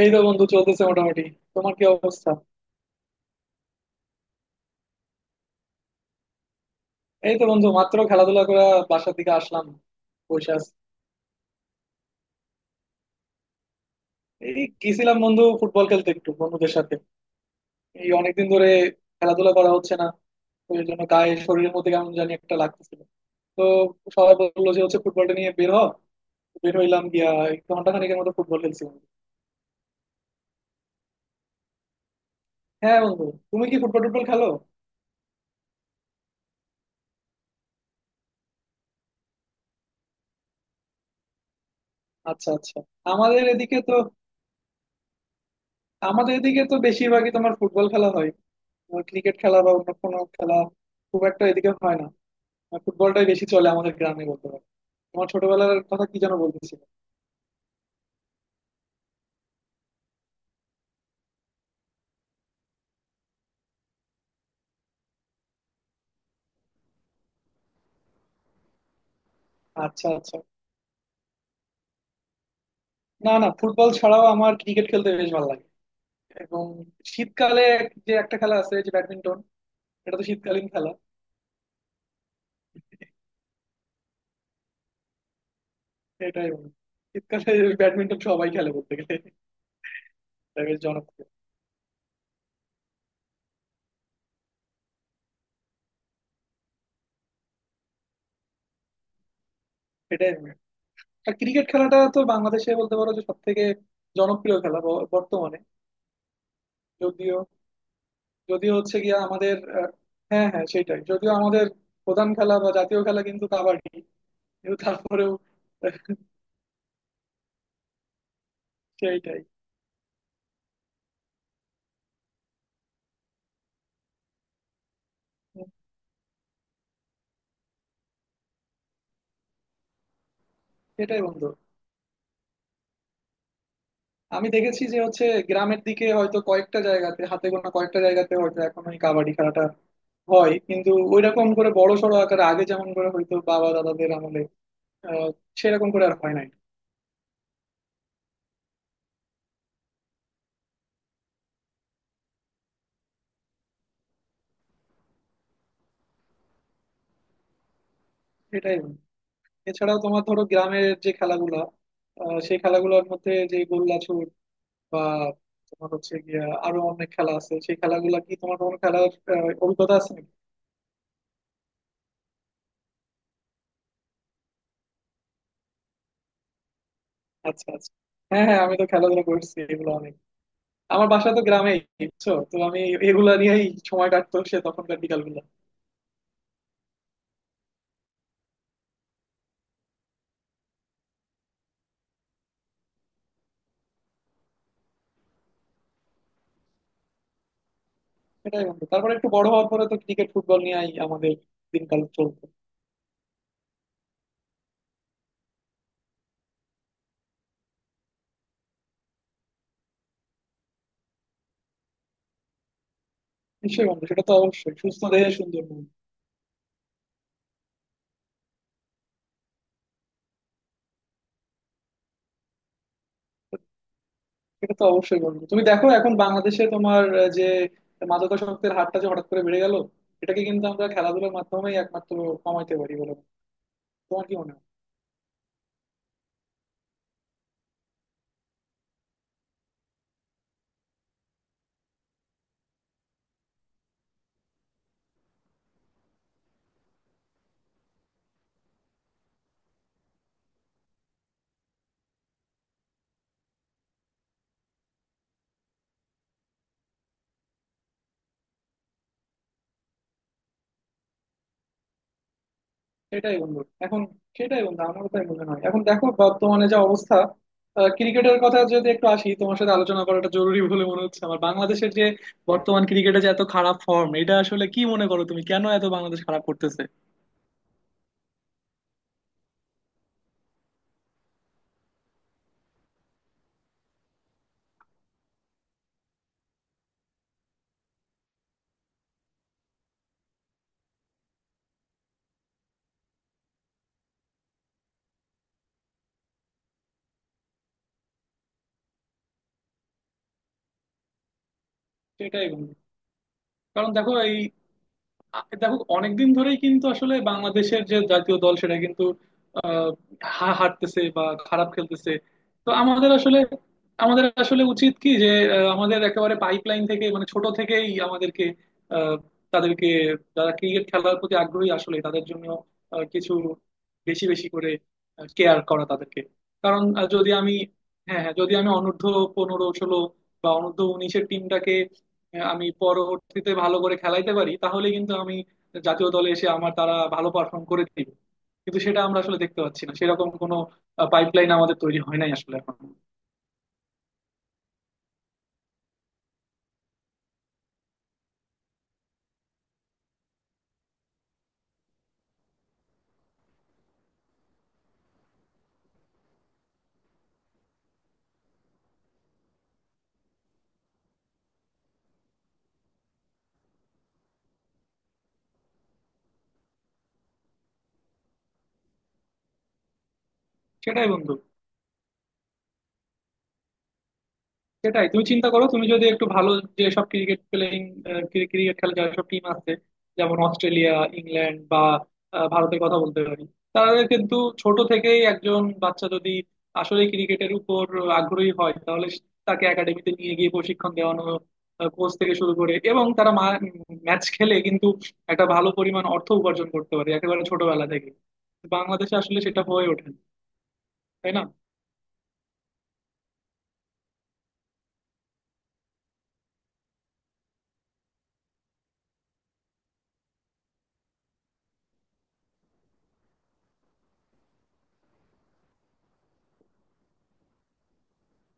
এই তো বন্ধু, চলতেছে মোটামুটি। তোমার কি অবস্থা? এই তো বন্ধু, মাত্র খেলাধুলা করে বাসার দিকে আসলাম, বসে আছি। এই গেছিলাম বন্ধু ফুটবল খেলতে একটু বন্ধুদের সাথে। এই অনেকদিন ধরে খেলাধুলা করা হচ্ছে না, তো এই জন্য গায়ে শরীরের মধ্যে কেমন জানি একটা লাগতেছিল। তো সবাই বললো যে হচ্ছে ফুটবলটা নিয়ে বের হ। তো বের হইলাম গিয়া এক ঘন্টা খানেকের মতো ফুটবল খেলছি বন্ধু। হ্যাঁ বন্ধু, তুমি কি ফুটবল টুটবল খেলো? আচ্ছা আচ্ছা। আমাদের এদিকে তো, আমাদের এদিকে তো বেশিরভাগই তোমার ফুটবল খেলা হয়, ক্রিকেট খেলা বা অন্য কোনো খেলা খুব একটা এদিকে হয় না। আর ফুটবলটাই বেশি চলে আমাদের গ্রামে বলতে পারো। আমার ছোটবেলার কথা কি যেন বলতেছিল। আচ্ছা আচ্ছা। না না, ফুটবল ছাড়াও আমার ক্রিকেট খেলতে বেশ ভালো লাগে, এবং শীতকালে যে একটা খেলা আছে যে ব্যাডমিন্টন। এটা তো শীতকালীন খেলা, এটাই মনে হয়। শীতকালে ব্যাডমিন্টন সবাই খেলে বলতে গেলে। এটা বেশ জনপ্রিয়, এটাই মনে হয়। আর ক্রিকেট খেলাটা তো বাংলাদেশে বলতে পারো যে সব থেকে জনপ্রিয় খেলা বর্তমানে। যদিও, যদিও হচ্ছে গিয়া আমাদের হ্যাঁ হ্যাঁ সেটাই, যদিও আমাদের প্রধান খেলা বা জাতীয় খেলা কিন্তু কাবাডি, কিন্তু তারপরেও আহ, সেইটাই। হুম, সেটাই বন্ধু। আমি দেখেছি যে হচ্ছে গ্রামের দিকে হয়তো কয়েকটা জায়গাতে, হাতে গোনা কয়েকটা জায়গাতে হয়তো এখন ওই কাবাডি খেলাটা হয়, কিন্তু ওইরকম করে বড় সড়ো আকারে আগে যেমন করে হয়তো বাবা দাদাদের আমলে আহ সেরকম করে আর হয় নাই। সেটাই বন্ধু। এছাড়াও তোমার ধরো গ্রামের যে খেলাগুলা, সেই খেলাগুলোর মধ্যে যে গোল্লা বা তোমার হচ্ছে গিয়া আরো অনেক খেলা আছে, সেই খেলাগুলা কি, তোমার কোনো খেলার অভিজ্ঞতা আছে নাকি? আচ্ছা আচ্ছা। হ্যাঁ হ্যাঁ, আমি তো খেলাধুলা করছি এগুলো অনেক। আমার বাসা তো গ্রামে, বুঝছো তো। আমি এগুলা নিয়েই সময় কাটতো সে তখনকার বিকাল গুলা। সেটাই বন্ধু, তারপরে একটু বড় হওয়ার পরে তো ক্রিকেট ফুটবল নিয়েই আমাদের দিনকাল চলতো। নিশ্চয়ই বন্ধু, সেটা তো অবশ্যই, সুস্থ দেহে সুন্দর মন। সেটা তো অবশ্যই বন্ধু, তুমি দেখো এখন বাংলাদেশে তোমার যে মাদকাসক্তের হারটা যে হঠাৎ করে বেড়ে গেল, এটাকে কিন্তু আমরা খেলাধুলার মাধ্যমেই একমাত্র কমাইতে পারি বলে মনে হয়। তোমার কি মনে হয়? সেটাই বন্ধু। এখন সেটাই বন্ধু, আমারও তাই মনে হয়। এখন দেখো বর্তমানে যা অবস্থা, ক্রিকেটের কথা যদি একটু আসি, তোমার সাথে আলোচনা করাটা জরুরি বলে মনে হচ্ছে আমার। বাংলাদেশের যে বর্তমান ক্রিকেটে যে এত খারাপ ফর্ম, এটা আসলে কি মনে করো তুমি, কেন এত বাংলাদেশ খারাপ করতেছে? সেটাই বন্ধু। কারণ দেখো এই দেখো, অনেকদিন ধরেই কিন্তু আসলে বাংলাদেশের যে জাতীয় দল সেটা কিন্তু আহ, হারতেছে বা খারাপ খেলতেছে। তো আমাদের আসলে, আমাদের আসলে উচিত কি, যে আমাদের একেবারে পাইপলাইন থেকে মানে ছোট থেকেই আমাদেরকে আহ, তাদেরকে, যারা ক্রিকেট খেলার প্রতি আগ্রহী আসলে তাদের জন্য কিছু বেশি বেশি করে কেয়ার করা তাদেরকে। কারণ যদি আমি, হ্যাঁ হ্যাঁ, যদি আমি অনূর্ধ্ব 15 16 বা অনূর্ধ্ব 19-এর টিমটাকে, হ্যাঁ, আমি পরবর্তীতে ভালো করে খেলাইতে পারি, তাহলে কিন্তু আমি জাতীয় দলে এসে আমার তারা ভালো পারফর্ম করে দিবে। কিন্তু সেটা আমরা আসলে দেখতে পাচ্ছি না, সেরকম কোনো পাইপলাইন আমাদের তৈরি হয় নাই আসলে এখন। সেটাই বন্ধু, সেটাই। তুমি চিন্তা করো, তুমি যদি একটু ভালো যে সব ক্রিকেট প্লেয়িং, ক্রিকেট খেলা যেসব টিম আছে, যেমন অস্ট্রেলিয়া, ইংল্যান্ড বা ভারতের কথা বলতে পারি, তাদের কিন্তু ছোট থেকেই একজন বাচ্চা যদি আসলে ক্রিকেটের উপর আগ্রহী হয়, তাহলে তাকে একাডেমিতে নিয়ে গিয়ে প্রশিক্ষণ দেওয়ানো, কোচ থেকে শুরু করে, এবং তারা ম্যাচ খেলে কিন্তু একটা ভালো পরিমাণ অর্থ উপার্জন করতে পারে একেবারে ছোটবেলা থেকে। বাংলাদেশে আসলে সেটা হয়ে ওঠে না, তাই না?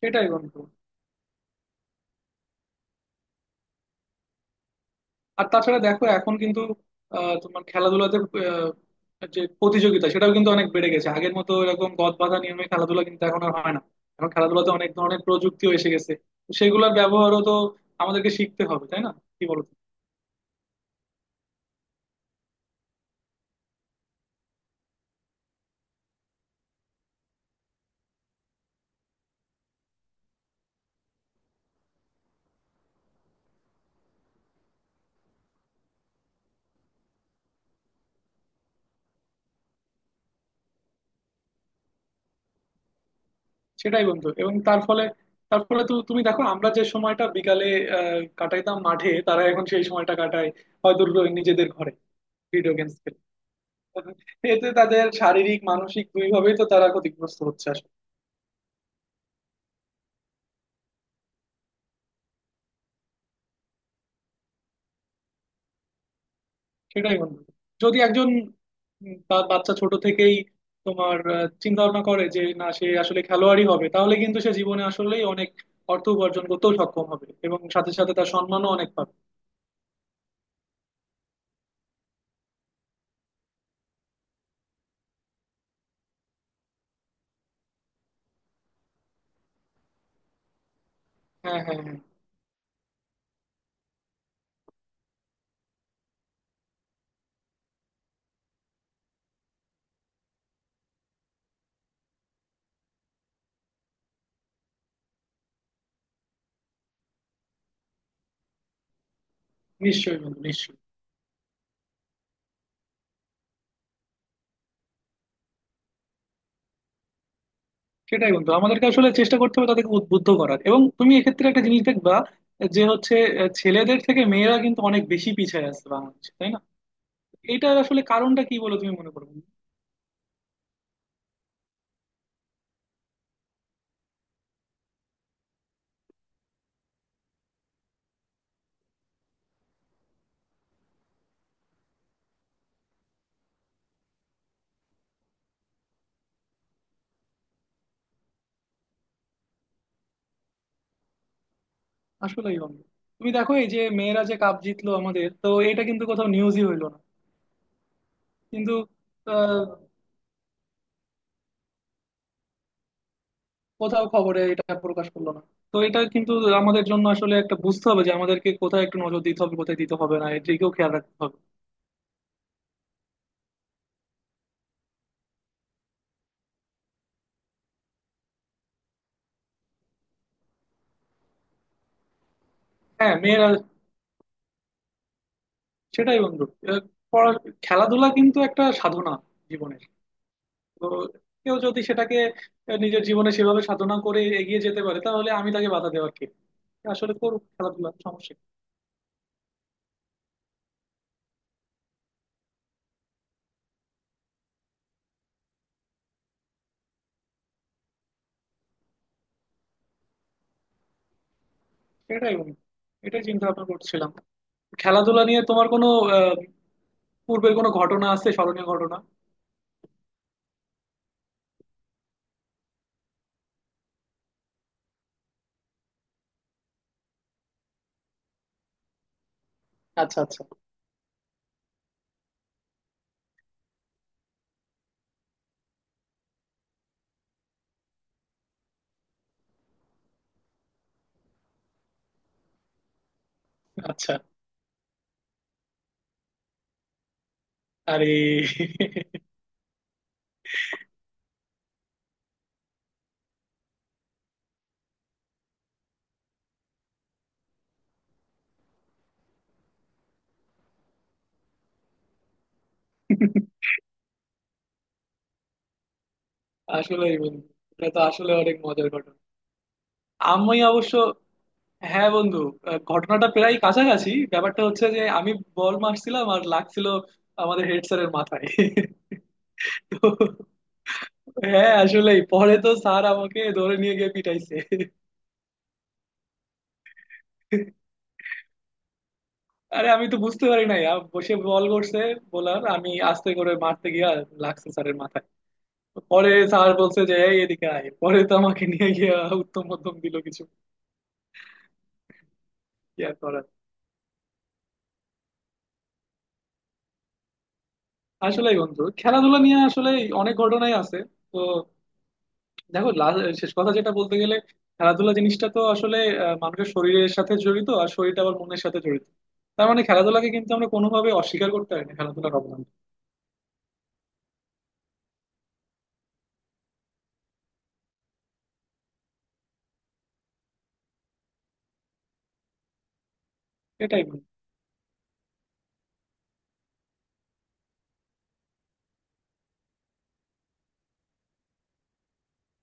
সেটাই বন্ধু। আর তাছাড়া দেখো এখন কিন্তু তোমার খেলাধুলাতে যে প্রতিযোগিতা সেটাও কিন্তু অনেক বেড়ে গেছে, আগের মতো এরকম গদ বাঁধা নিয়মে খেলাধুলা কিন্তু এখন আর হয় না। এখন খেলাধুলাতে অনেক ধরনের প্রযুক্তিও এসে গেছে, তো সেগুলোর ব্যবহারও তো আমাদেরকে শিখতে হবে, তাই না? কি বলো তুমি? সেটাই বন্ধু। এবং তার ফলে, তার ফলে তো তুমি দেখো, আমরা যে সময়টা বিকালে কাটাইতাম মাঠে, তারা এখন সেই সময়টা কাটায় হয়তো নিজেদের ঘরে ভিডিও গেমস খেলে। এতে তাদের শারীরিক মানসিক দুইভাবেই তো তারা ক্ষতিগ্রস্ত হচ্ছে। সেটাই বন্ধু। যদি একজন তার বাচ্চা ছোট থেকেই তোমার চিন্তা ভাবনা করে যে না, সে আসলে খেলোয়াড়ই হবে, তাহলে কিন্তু সে জীবনে আসলেই অনেক অর্থ উপার্জন করতেও সক্ষম হবে, এবং সাথে সাথে তার সম্মানও অনেক পাবে। হ্যাঁ হ্যাঁ হ্যাঁ। নিশ্চয়ই বন্ধু, নিশ্চয়ই। সেটাই বন্ধু, আমাদেরকে আসলে চেষ্টা করতে হবে তাদেরকে উদ্বুদ্ধ করার, এবং তুমি এক্ষেত্রে একটা জিনিস দেখবা, যে হচ্ছে ছেলেদের থেকে মেয়েরা কিন্তু অনেক বেশি পিছিয়ে আছে বাংলাদেশে, তাই না? এটার আসলে কারণটা কি বলে তুমি মনে করো? আসলেই বন্ধু। তুমি দেখো, এই যে মেয়েরা যে কাপ জিতলো আমাদের, তো এটা কিন্তু কোথাও নিউজই হইলো না। কিন্তু আহ, কোথাও খবরে এটা প্রকাশ করলো না। তো এটা কিন্তু আমাদের জন্য আসলে একটা, বুঝতে হবে যে আমাদেরকে কোথায় একটু নজর দিতে হবে, কোথায় দিতে হবে না, এদিকেও খেয়াল রাখতে হবে। হ্যাঁ মেয়েরা, সেটাই বন্ধু। আহ, খেলাধুলা কিন্তু একটা সাধনা জীবনের। তো কেউ যদি সেটাকে নিজের জীবনে সেভাবে সাধনা করে এগিয়ে যেতে পারে, তাহলে আমি তাকে বাধা দেওয়ার কে? আসলে করুক খেলাধুলা, সমস্যা কি? সেটাই বন্ধু। এটাই চিন্তা ভাবনা করছিলাম, খেলাধুলা নিয়ে তোমার কোনো আহ, পূর্বের কোনো ঘটনা আছে, স্মরণীয় ঘটনা? আচ্ছা আচ্ছা। আচ্ছা। আরে! আসলেই বন্ধু, এটা তো আসলে অনেক মজার ঘটনা। আমি অবশ্য, হ্যাঁ বন্ধু, ঘটনাটা প্রায় কাছাকাছি। ব্যাপারটা হচ্ছে যে, আমি বল মারছিলাম আর লাগছিল আমাদের হেড স্যারের মাথায়। তো হ্যাঁ, আসলেই পরে তো স্যার আমাকে ধরে নিয়ে গিয়ে পিটাইছে। আরে আমি তো বুঝতে পারি নাই, বসে বল করছে, বলার আমি আস্তে করে মারতে গিয়া লাগছে স্যারের মাথায়। পরে স্যার বলছে যে এই এদিকে আয়, পরে তো আমাকে নিয়ে গিয়া উত্তম মধ্যম দিল কিছু। কি আর করার। আসলে বন্ধু খেলাধুলা নিয়ে আসলে অনেক ঘটনাই আছে। তো দেখো শেষ কথা যেটা বলতে গেলে, খেলাধুলা জিনিসটা তো আসলে মানুষের শরীরের সাথে জড়িত, আর শরীরটা আবার মনের সাথে জড়িত। তার মানে খেলাধুলাকে কিন্তু আমরা কোনোভাবে অস্বীকার করতে পারি না, খেলাধুলার অবদান। এটাই বন্ধু।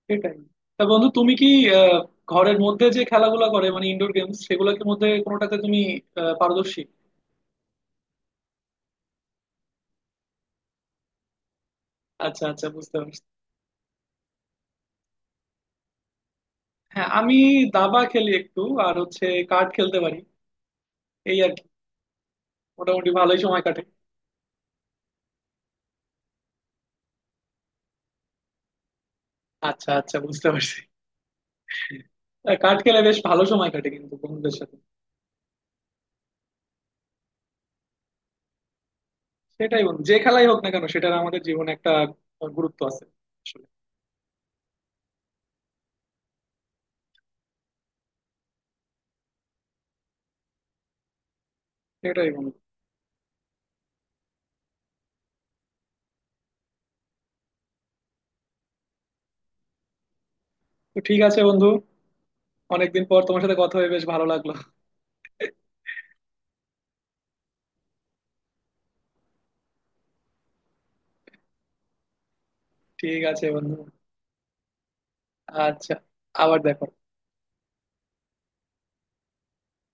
সেটাই। তা বন্ধু, তুমি কি আহ, ঘরের মধ্যে যে খেলাগুলো করে মানে ইনডোর গেমস, সেগুলোর মধ্যে কোনোটাতে তুমি পারদর্শী? আচ্ছা আচ্ছা, বুঝতে পারছি। হ্যাঁ আমি দাবা খেলি একটু, আর হচ্ছে কার্ড খেলতে পারি, এই আর কি। মোটামুটি ভালোই সময় কাটে। আচ্ছা আচ্ছা, বুঝতে পারছি। কার্ড খেলে বেশ ভালো সময় কাটে কিন্তু বন্ধুদের সাথে। সেটাই বন্ধু, যে খেলাই হোক না কেন সেটার আমাদের জীবনে একটা গুরুত্ব আছে আসলে। সেটাই বন্ধু। তো ঠিক আছে বন্ধু, অনেকদিন পর তোমার সাথে কথা হয়ে বেশ ভালো লাগলো। ঠিক আছে বন্ধু। আচ্ছা, আবার দেখো।